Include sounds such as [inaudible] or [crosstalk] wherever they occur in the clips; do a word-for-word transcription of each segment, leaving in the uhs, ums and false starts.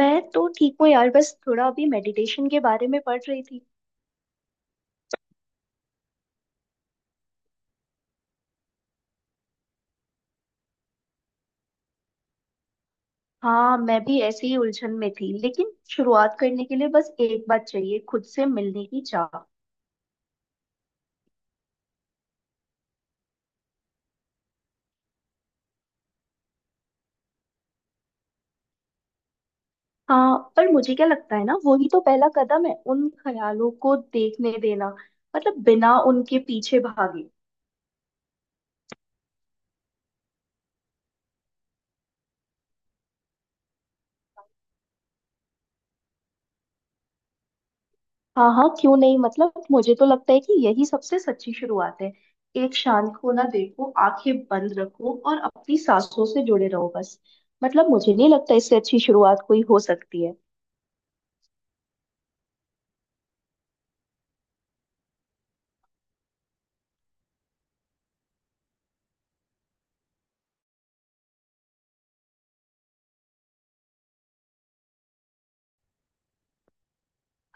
मैं तो ठीक हूँ यार, बस थोड़ा अभी मेडिटेशन के बारे में पढ़ रही थी। हाँ, मैं भी ऐसे ही उलझन में थी, लेकिन शुरुआत करने के लिए बस एक बात चाहिए, खुद से मिलने की चाह। हाँ, पर मुझे क्या लगता है ना, वही तो पहला कदम है, उन ख्यालों को देखने देना। मतलब बिना उनके पीछे भागे। हाँ हाँ, क्यों नहीं। मतलब मुझे तो लगता है कि यही सबसे सच्ची शुरुआत है। एक शांत कोना देखो, आंखें बंद रखो और अपनी सांसों से जुड़े रहो बस। मतलब मुझे नहीं लगता इससे अच्छी शुरुआत कोई हो सकती है।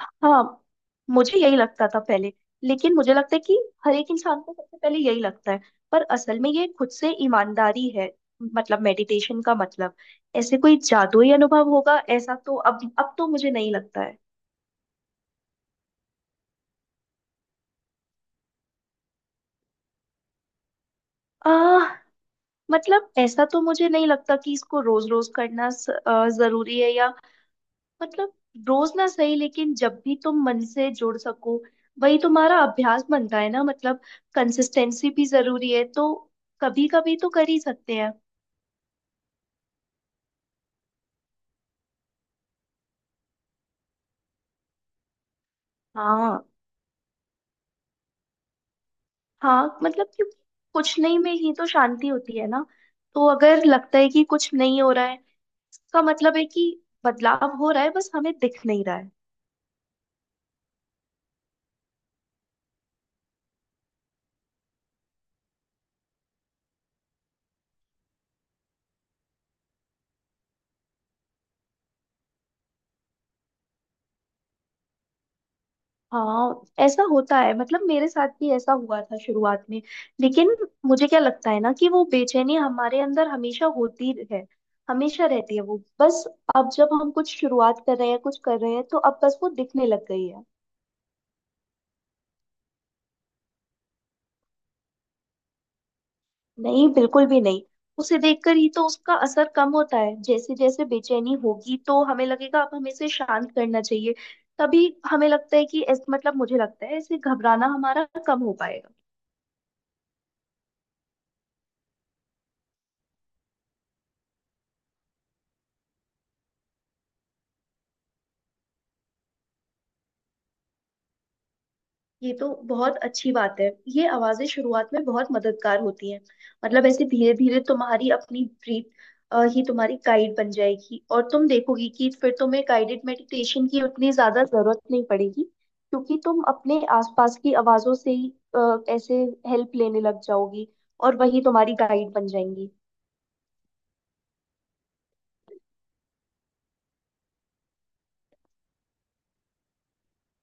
हाँ, मुझे यही लगता था पहले। लेकिन मुझे लगता है कि हर एक इंसान को सबसे पहले यही लगता है। पर असल में ये खुद से ईमानदारी है। मतलब मेडिटेशन का मतलब ऐसे कोई जादुई अनुभव होगा, ऐसा तो अब अब तो मुझे नहीं लगता है। आ, मतलब ऐसा तो मुझे नहीं लगता कि इसको रोज रोज करना स- अ, जरूरी है या मतलब रोज ना सही, लेकिन जब भी तुम मन से जुड़ सको, वही तुम्हारा अभ्यास बनता है ना। मतलब कंसिस्टेंसी भी जरूरी है, तो कभी कभी तो कर ही सकते हैं। हाँ। हाँ मतलब क्योंकि कुछ नहीं में ही तो शांति होती है ना। तो अगर लगता है कि कुछ नहीं हो रहा है, इसका मतलब है कि बदलाव हो रहा है, बस हमें दिख नहीं रहा है। हाँ, ऐसा होता है। मतलब मेरे साथ भी ऐसा हुआ था शुरुआत में। लेकिन मुझे क्या लगता है ना कि वो बेचैनी हमारे अंदर हमेशा होती है, हमेशा रहती है वो। बस अब जब हम कुछ शुरुआत कर रहे हैं, कुछ कर रहे हैं, तो अब बस वो दिखने लग गई है। नहीं, बिल्कुल भी नहीं। उसे देखकर ही तो उसका असर कम होता है। जैसे जैसे बेचैनी होगी तो हमें लगेगा अब हमें इसे शांत करना चाहिए, तभी हमें लगता है कि ऐस- मतलब मुझे लगता है इसे घबराना हमारा कम हो पाएगा। ये तो बहुत अच्छी बात है। ये आवाजें शुरुआत में बहुत मददगार होती हैं। मतलब ऐसे धीरे धीरे तुम्हारी अपनी ब्रीथ ही तुम्हारी गाइड बन जाएगी और तुम देखोगी कि फिर तुम्हें गाइडेड मेडिटेशन की उतनी ज्यादा जरूरत नहीं पड़ेगी, क्योंकि तुम अपने आसपास की आवाजों से ही अ, ऐसे हेल्प लेने लग जाओगी और वही तुम्हारी गाइड बन जाएंगी।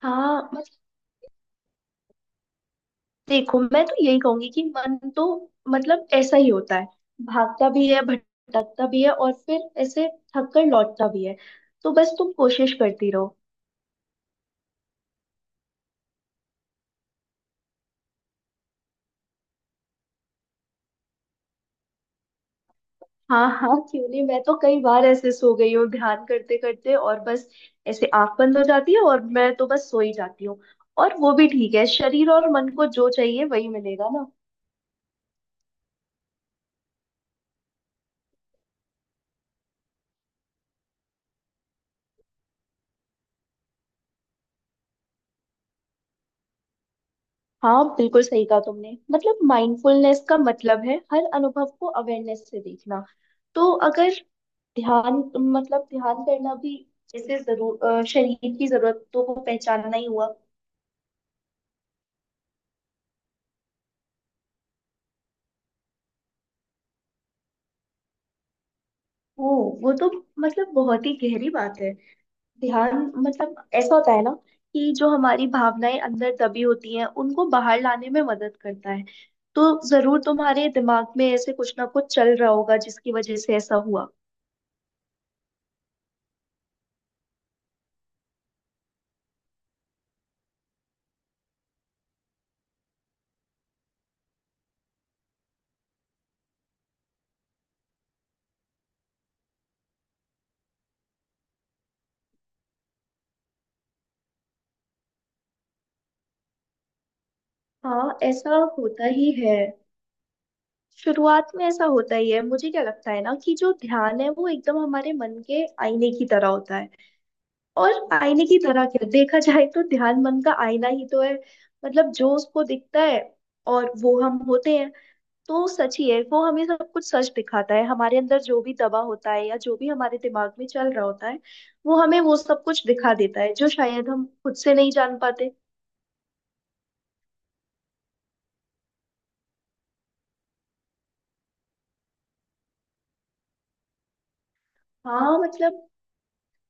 हाँ, देखो मैं तो यही कहूंगी कि मन तो मतलब ऐसा ही होता है, भागता भी है, भटकता भी है और फिर ऐसे थक कर लौटता भी है। तो बस तुम कोशिश करती रहो। हाँ हाँ, क्यों नहीं। मैं तो कई बार ऐसे सो गई हूँ ध्यान करते करते, और बस ऐसे आंख बंद हो जाती है और मैं तो बस सो ही जाती हूँ। और वो भी ठीक है, शरीर और मन को जो चाहिए वही मिलेगा ना। हाँ, बिल्कुल सही कहा तुमने। मतलब माइंडफुलनेस का मतलब है हर अनुभव को अवेयरनेस से देखना। तो अगर ध्यान, मतलब ध्यान करना भी जैसे जरूर अ, शरीर की जरूरतों को पहचानना ही हुआ। ओ, वो तो मतलब बहुत ही गहरी बात है। ध्यान मतलब ऐसा होता है ना कि जो हमारी भावनाएं अंदर दबी होती हैं उनको बाहर लाने में मदद करता है। तो जरूर तुम्हारे दिमाग में ऐसे कुछ ना कुछ चल रहा होगा जिसकी वजह से ऐसा हुआ। हाँ, ऐसा होता ही है। शुरुआत में ऐसा होता ही है। मुझे क्या लगता है ना कि जो ध्यान है वो एकदम हमारे मन के आईने की तरह होता है। और आईने की तरह क्या, देखा जाए तो ध्यान मन का आईना ही तो है। मतलब जो उसको दिखता है, और वो हम होते हैं। तो सच ही है, वो हमें सब कुछ सच दिखाता है। हमारे अंदर जो भी दबा होता है या जो भी हमारे दिमाग में चल रहा होता है, वो हमें वो सब कुछ दिखा देता है जो शायद हम खुद से नहीं जान पाते। हाँ मतलब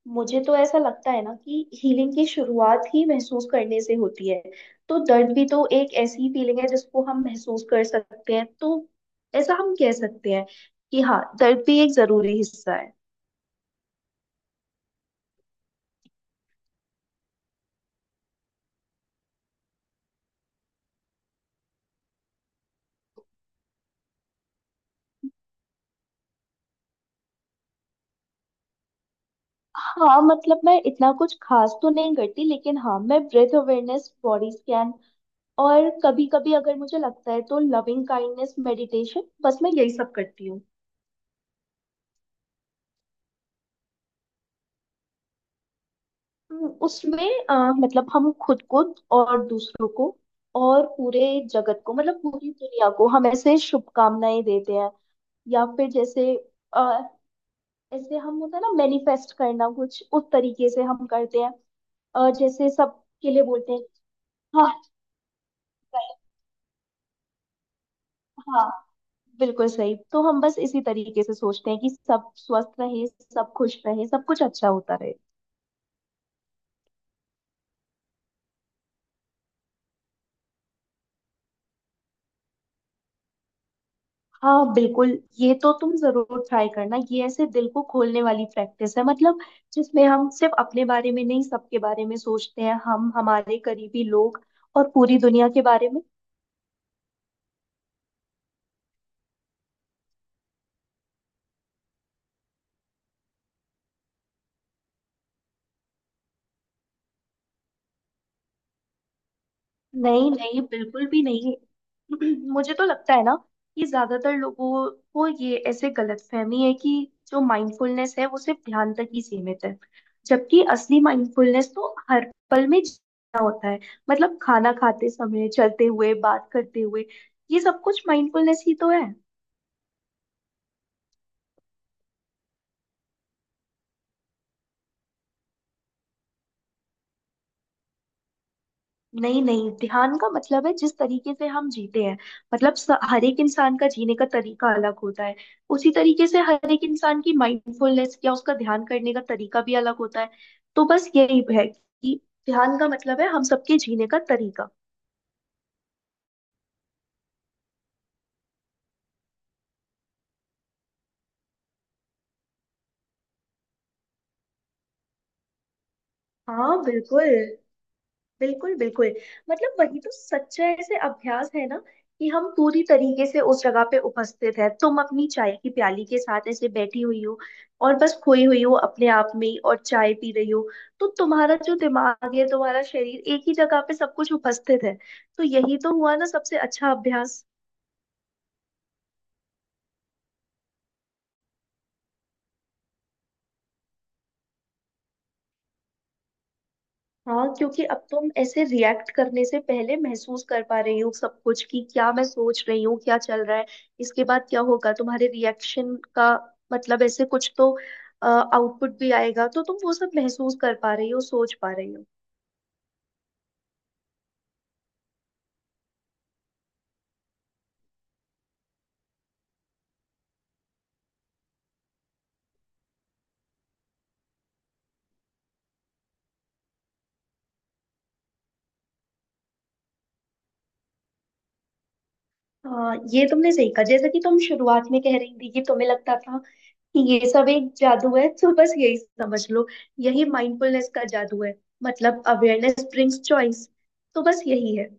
मुझे तो ऐसा लगता है ना कि हीलिंग की शुरुआत ही महसूस करने से होती है। तो दर्द भी तो एक ऐसी फीलिंग है जिसको हम महसूस कर सकते हैं, तो ऐसा हम कह सकते हैं कि हाँ, दर्द भी एक जरूरी हिस्सा है। हाँ मतलब मैं इतना कुछ खास तो नहीं करती, लेकिन हाँ, मैं ब्रेथ अवेयरनेस, बॉडी स्कैन, और कभी कभी अगर मुझे लगता है तो लविंग काइंडनेस मेडिटेशन, बस मैं यही सब करती हूँ। हम्म। उसमें अ, मतलब हम खुद को और दूसरों को और पूरे जगत को, मतलब पूरी दुनिया को हम ऐसे शुभकामनाएं देते हैं। या फिर जैसे आ, ऐसे हम, होता है ना मैनिफेस्ट करना, कुछ उस तरीके से हम करते हैं। अ, जैसे सबके लिए बोलते हैं। हाँ। हाँ बिल्कुल सही, तो हम बस इसी तरीके से सोचते हैं कि सब स्वस्थ रहे, सब खुश रहे, सब कुछ अच्छा होता रहे। हाँ बिल्कुल, ये तो तुम जरूर ट्राई करना। ये ऐसे दिल को खोलने वाली प्रैक्टिस है। मतलब जिसमें हम सिर्फ अपने बारे में नहीं, सबके बारे में सोचते हैं, हम, हमारे करीबी लोग और पूरी दुनिया के बारे में। नहीं नहीं, बिल्कुल भी नहीं। [clears throat] मुझे तो लगता है ना कि ज्यादातर लोगों को ये ऐसे गलतफहमी है कि जो माइंडफुलनेस है वो सिर्फ ध्यान तक ही सीमित है। जबकि असली माइंडफुलनेस तो हर पल में जीना होता है। मतलब खाना खाते समय, चलते हुए, बात करते हुए, ये सब कुछ माइंडफुलनेस ही तो है। नहीं नहीं, ध्यान का मतलब है जिस तरीके से हम जीते हैं। मतलब स- हर एक इंसान का जीने का तरीका अलग होता है, उसी तरीके से हर एक इंसान की माइंडफुलनेस या उसका ध्यान करने का तरीका भी अलग होता है। तो बस यही है कि ध्यान का मतलब है हम सबके जीने का तरीका। हाँ बिल्कुल बिल्कुल बिल्कुल। मतलब वही तो सच्चा ऐसे अभ्यास है ना कि हम पूरी तरीके से उस जगह पे उपस्थित है। तुम अपनी चाय की प्याली के साथ ऐसे बैठी हुई हो और बस खोई हुई हो अपने आप में ही और चाय पी रही हो, तो तुम्हारा जो दिमाग है, तुम्हारा शरीर, एक ही जगह पे सब कुछ उपस्थित है। तो यही तो हुआ ना सबसे अच्छा अभ्यास। हाँ क्योंकि अब तुम ऐसे रिएक्ट करने से पहले महसूस कर पा रही हो सब कुछ, कि क्या मैं सोच रही हूँ, क्या चल रहा है, इसके बाद क्या होगा तुम्हारे रिएक्शन का, मतलब ऐसे कुछ तो आउटपुट भी आएगा। तो तुम वो सब महसूस कर पा रही हो, सोच पा रही हो। हाँ, ये तुमने सही कहा। जैसे कि तुम शुरुआत में कह रही थी कि तुम्हें लगता था कि ये सब एक जादू है, तो बस यही समझ लो, यही माइंडफुलनेस का जादू है। मतलब अवेयरनेस ब्रिंग्स चॉइस, तो बस यही है।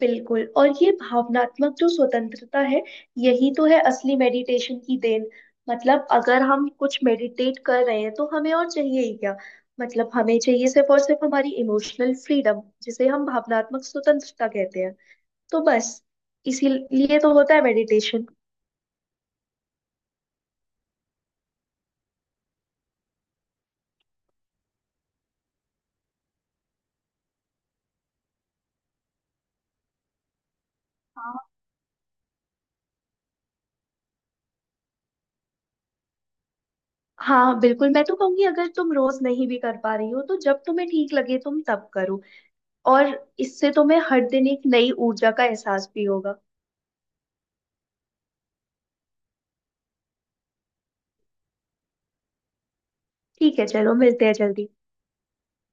बिल्कुल। और ये भावनात्मक जो स्वतंत्रता है, यही तो है असली मेडिटेशन की देन। मतलब अगर हम कुछ मेडिटेट कर रहे हैं तो हमें और चाहिए ही क्या। मतलब हमें चाहिए सिर्फ और सिर्फ हमारी इमोशनल फ्रीडम, जिसे हम भावनात्मक स्वतंत्रता कहते हैं। तो बस इसीलिए तो होता है मेडिटेशन। हाँ, हाँ बिल्कुल, मैं तो कहूंगी अगर तुम रोज नहीं भी कर पा रही हो, तो जब तुम्हें ठीक लगे तुम तब करो। और इससे तुम्हें हर दिन एक नई ऊर्जा का एहसास भी होगा। ठीक है, चलो मिलते हैं जल्दी।